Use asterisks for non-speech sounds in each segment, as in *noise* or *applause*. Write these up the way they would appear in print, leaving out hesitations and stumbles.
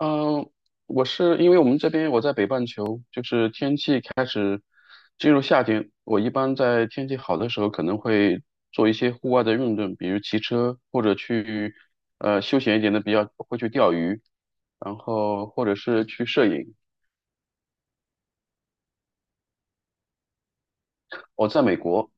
嗯，我是因为我们这边我在北半球，就是天气开始进入夏天。我一般在天气好的时候可能会做一些户外的运动，比如骑车或者去休闲一点的，比较会去钓鱼，然后或者是去摄影。我在美国。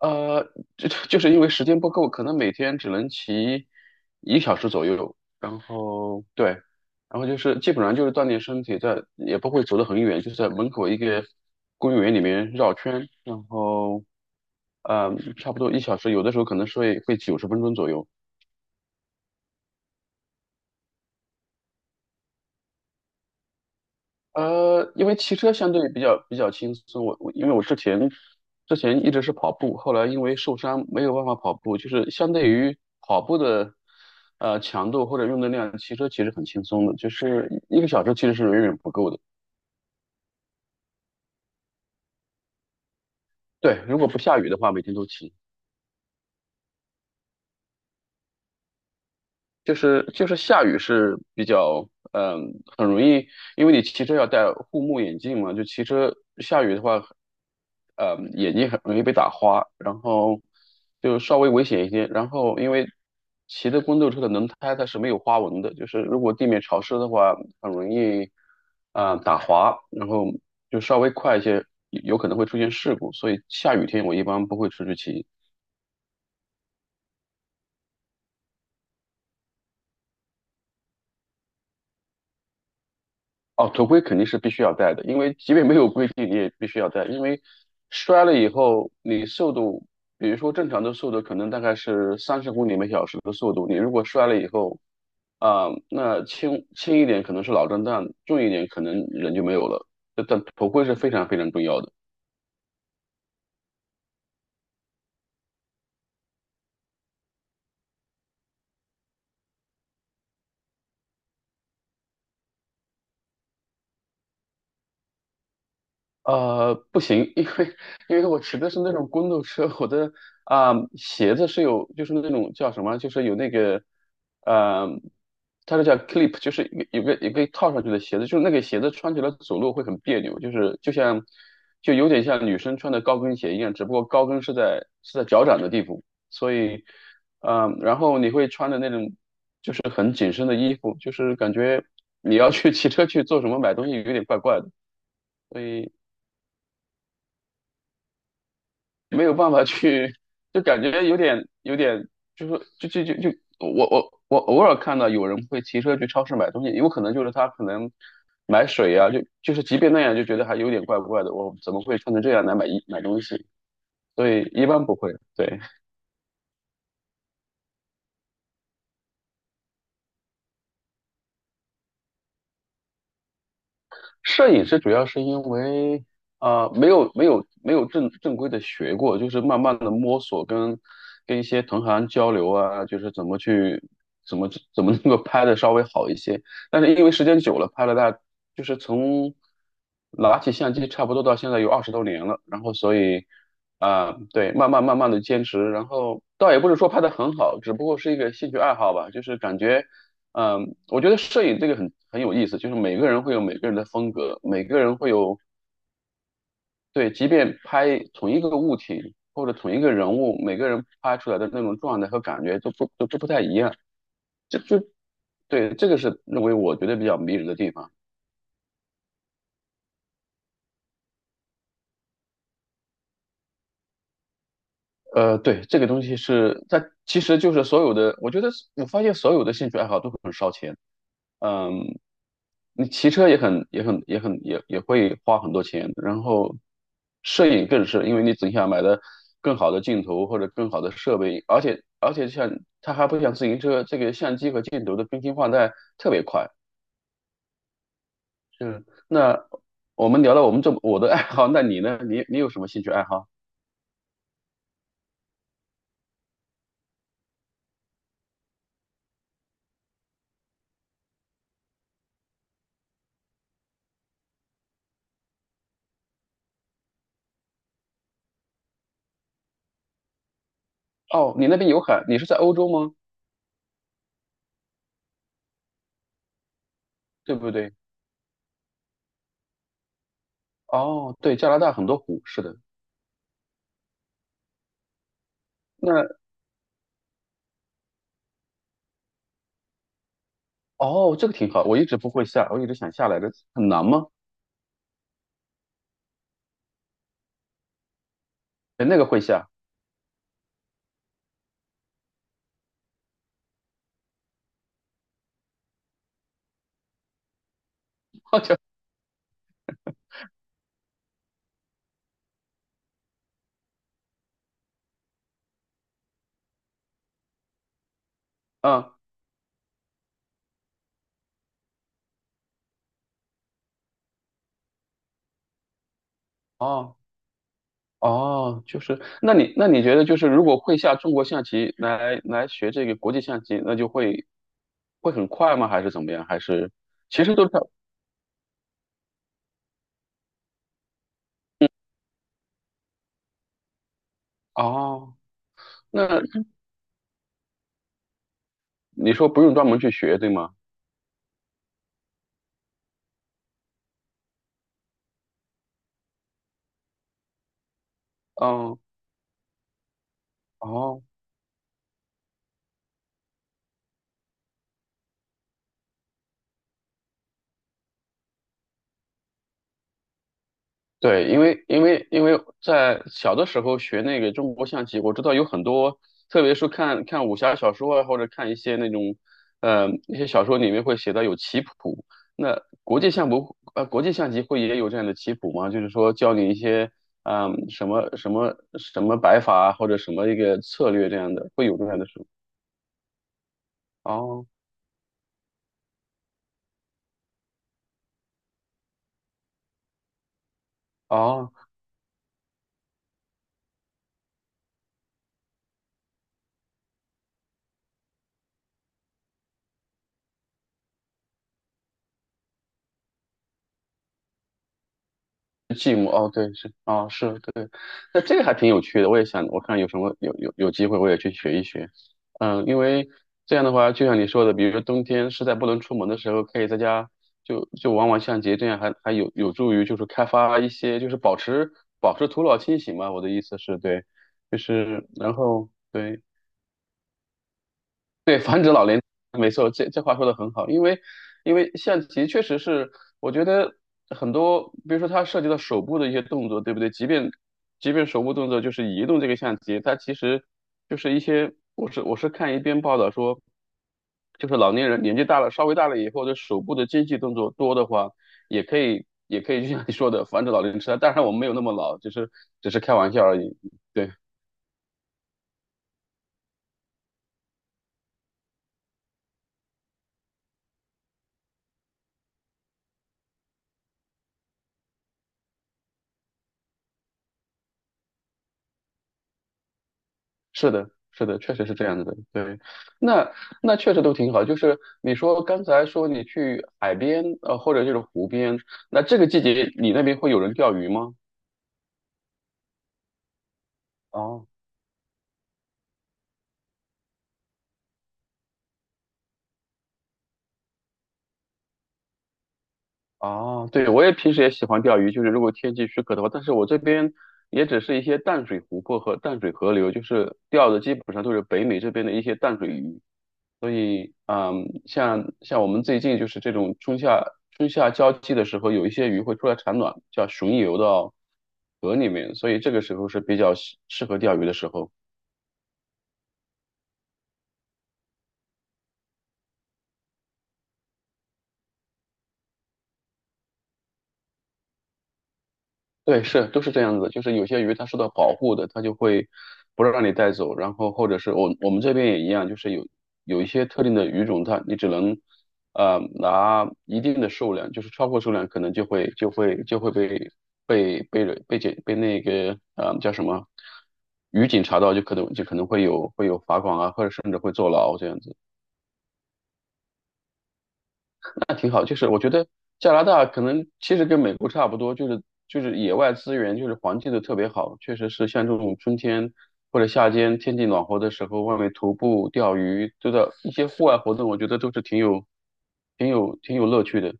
呃，就 *laughs* 就是因为时间不够，可能每天只能骑一个小时左右。然后对，然后就是基本上就是锻炼身体在，也不会走得很远，就是在门口一个公园里面绕圈，然后呃，差不多1小时，有的时候可能是会90分钟左右。因为骑车相对比较轻松，我因为我之前一直是跑步，后来因为受伤没有办法跑步，就是相对于跑步的强度或者用的量，骑车其实很轻松的，就是一个小时其实是远远不够的。对，如果不下雨的话，每天都骑。就是下雨是比较，嗯，很容易，因为你骑车要戴护目眼镜嘛，就骑车下雨的话，眼睛很容易被打花，然后就稍微危险一些。然后因为骑的公路车的轮胎它是没有花纹的，就是如果地面潮湿的话，很容易打滑，然后就稍微快一些，有可能会出现事故。所以下雨天我一般不会出去骑。哦，头盔肯定是必须要戴的，因为即便没有规定，你也必须要戴。因为摔了以后，你速度，比如说正常的速度可能大概是30公里每小时的速度，你如果摔了以后，那轻轻一点可能是脑震荡，重一点可能人就没有了。但头盔是非常非常重要的。呃，不行，因为我骑的是那种公路车，我的鞋子是有，就是那种叫什么，就是有那个，呃，它是叫 clip，就是有个套上去的鞋子，就是那个鞋子穿起来走路会很别扭，就是就像就有点像女生穿的高跟鞋一样，只不过高跟是在脚掌的地方，所以，然后你会穿的那种就是很紧身的衣服，就是感觉你要去 *laughs* 骑车去做什么买东西有点怪怪的，所以。没有办法去，就感觉有点有点，就是就就就就我偶尔看到有人会骑车去超市买东西，有可能就是他可能买水啊，就就是即便那样就觉得还有点怪怪的，我怎么会穿成这样来买东西？所以一般不会，对。摄影师主要是因为没有正规的学过，就是慢慢的摸索跟一些同行交流啊，就是怎么去怎么怎么能够拍的稍微好一些。但是因为时间久了，拍了大就是从拿起相机差不多到现在有20多年了，然后所以对，慢慢的坚持，然后倒也不是说拍的很好，只不过是一个兴趣爱好吧，就是感觉嗯，我觉得摄影这个很有意思，就是每个人会有每个人的风格，每个人会有，对，即便拍同一个物体或者同一个人物，每个人拍出来的那种状态和感觉都不都都不太一样。这就对，这个是认为我觉得比较迷人的地方。呃，对，这个东西是它其实就是所有的，我觉得我发现所有的兴趣爱好都很烧钱。嗯，你骑车也会花很多钱，然后摄影更是，因为你总想买的更好的镜头或者更好的设备，而且像它还不像自行车，这个相机和镜头的更新换代特别快。是，那我们聊到我们这我的爱好，那你呢？你有什么兴趣爱好？哦，你那边有海，你是在欧洲吗？对不对？哦，对，加拿大很多湖，是的。那哦，这个挺好，我一直不会下，我一直想下来的，很难吗？那个会下，*laughs* 就嗯哦哦，就是那你觉得就是如果会下中国象棋来学这个国际象棋，那就会很快吗？还是怎么样？还是其实都差哦？那你说不用专门去学，对吗？嗯哦对，因为在小的时候学那个中国象棋，我知道有很多，特别是看看武侠小说啊，或者看一些那种，呃，一些小说里面会写到有棋谱。那国际象不，呃，国际象棋会也有这样的棋谱吗？就是说教你一些，什么什么什么摆法啊，或者什么一个策略这样的，会有这样的书。哦哦寂寞哦，对，是啊、哦，是对，那这个还挺有趣的，我也想，我看有什么有机会我也去学一学，嗯，因为这样的话，就像你说的，比如说冬天实在不能出门的时候，可以在家就玩玩相机这样还有助于就是开发一些就是保持头脑清醒嘛，我的意思是对，就是然后对。对，防止老年，没错，这话说的很好，因为象棋确实是，我觉得很多，比如说它涉及到手部的一些动作，对不对？即便手部动作就是移动这个相机，它其实就是一些，我是看一篇报道说，就是老年人年纪大了，稍微大了以后，这手部的精细动作多的话，也可以就像你说的，防止老年痴呆。当然我们没有那么老，只是开玩笑而已。对。是的，是的，确实是这样子的。对，那那确实都挺好。就是你说刚才说你去海边，呃，或者就是湖边，那这个季节你那边会有人钓鱼吗？哦哦，对，我也平时也喜欢钓鱼，就是如果天气许可的话，但是我这边也只是一些淡水湖泊和淡水河流，就是钓的基本上都是北美这边的一些淡水鱼。嗯，像我们最近就是这种春夏交替的时候，有一些鱼会出来产卵，叫巡游到河里面，所以这个时候是比较适合钓鱼的时候。对，是，都是这样子就是有些鱼它受到保护的，它就会不让你带走，然后或者是我们这边也一样，就是有一些特定的鱼种，它你只能拿一定的数量，就是超过数量可能就会被被被人被检被那个叫什么渔警查到，就可能会有罚款啊，或者甚至会坐牢这样子。那挺好，就是我觉得加拿大可能其实跟美国差不多，就是野外资源就是环境都特别好，确实是像这种春天或者夏天天气暖和的时候，外面徒步、钓鱼，都的一些户外活动，我觉得都是挺有乐趣的。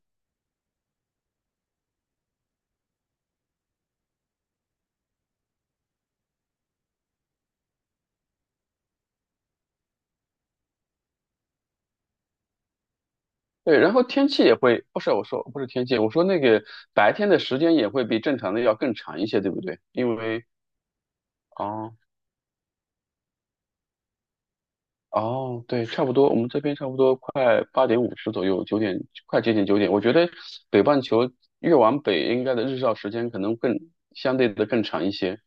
对，然后天气也会，不是我说不是天气，我说那个白天的时间也会比正常的要更长一些，对不对？因为哦。哦，对，差不多，我们这边差不多快8:50左右，快接近九点。我觉得北半球越往北，应该的日照时间可能更相对的更长一些。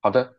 好的。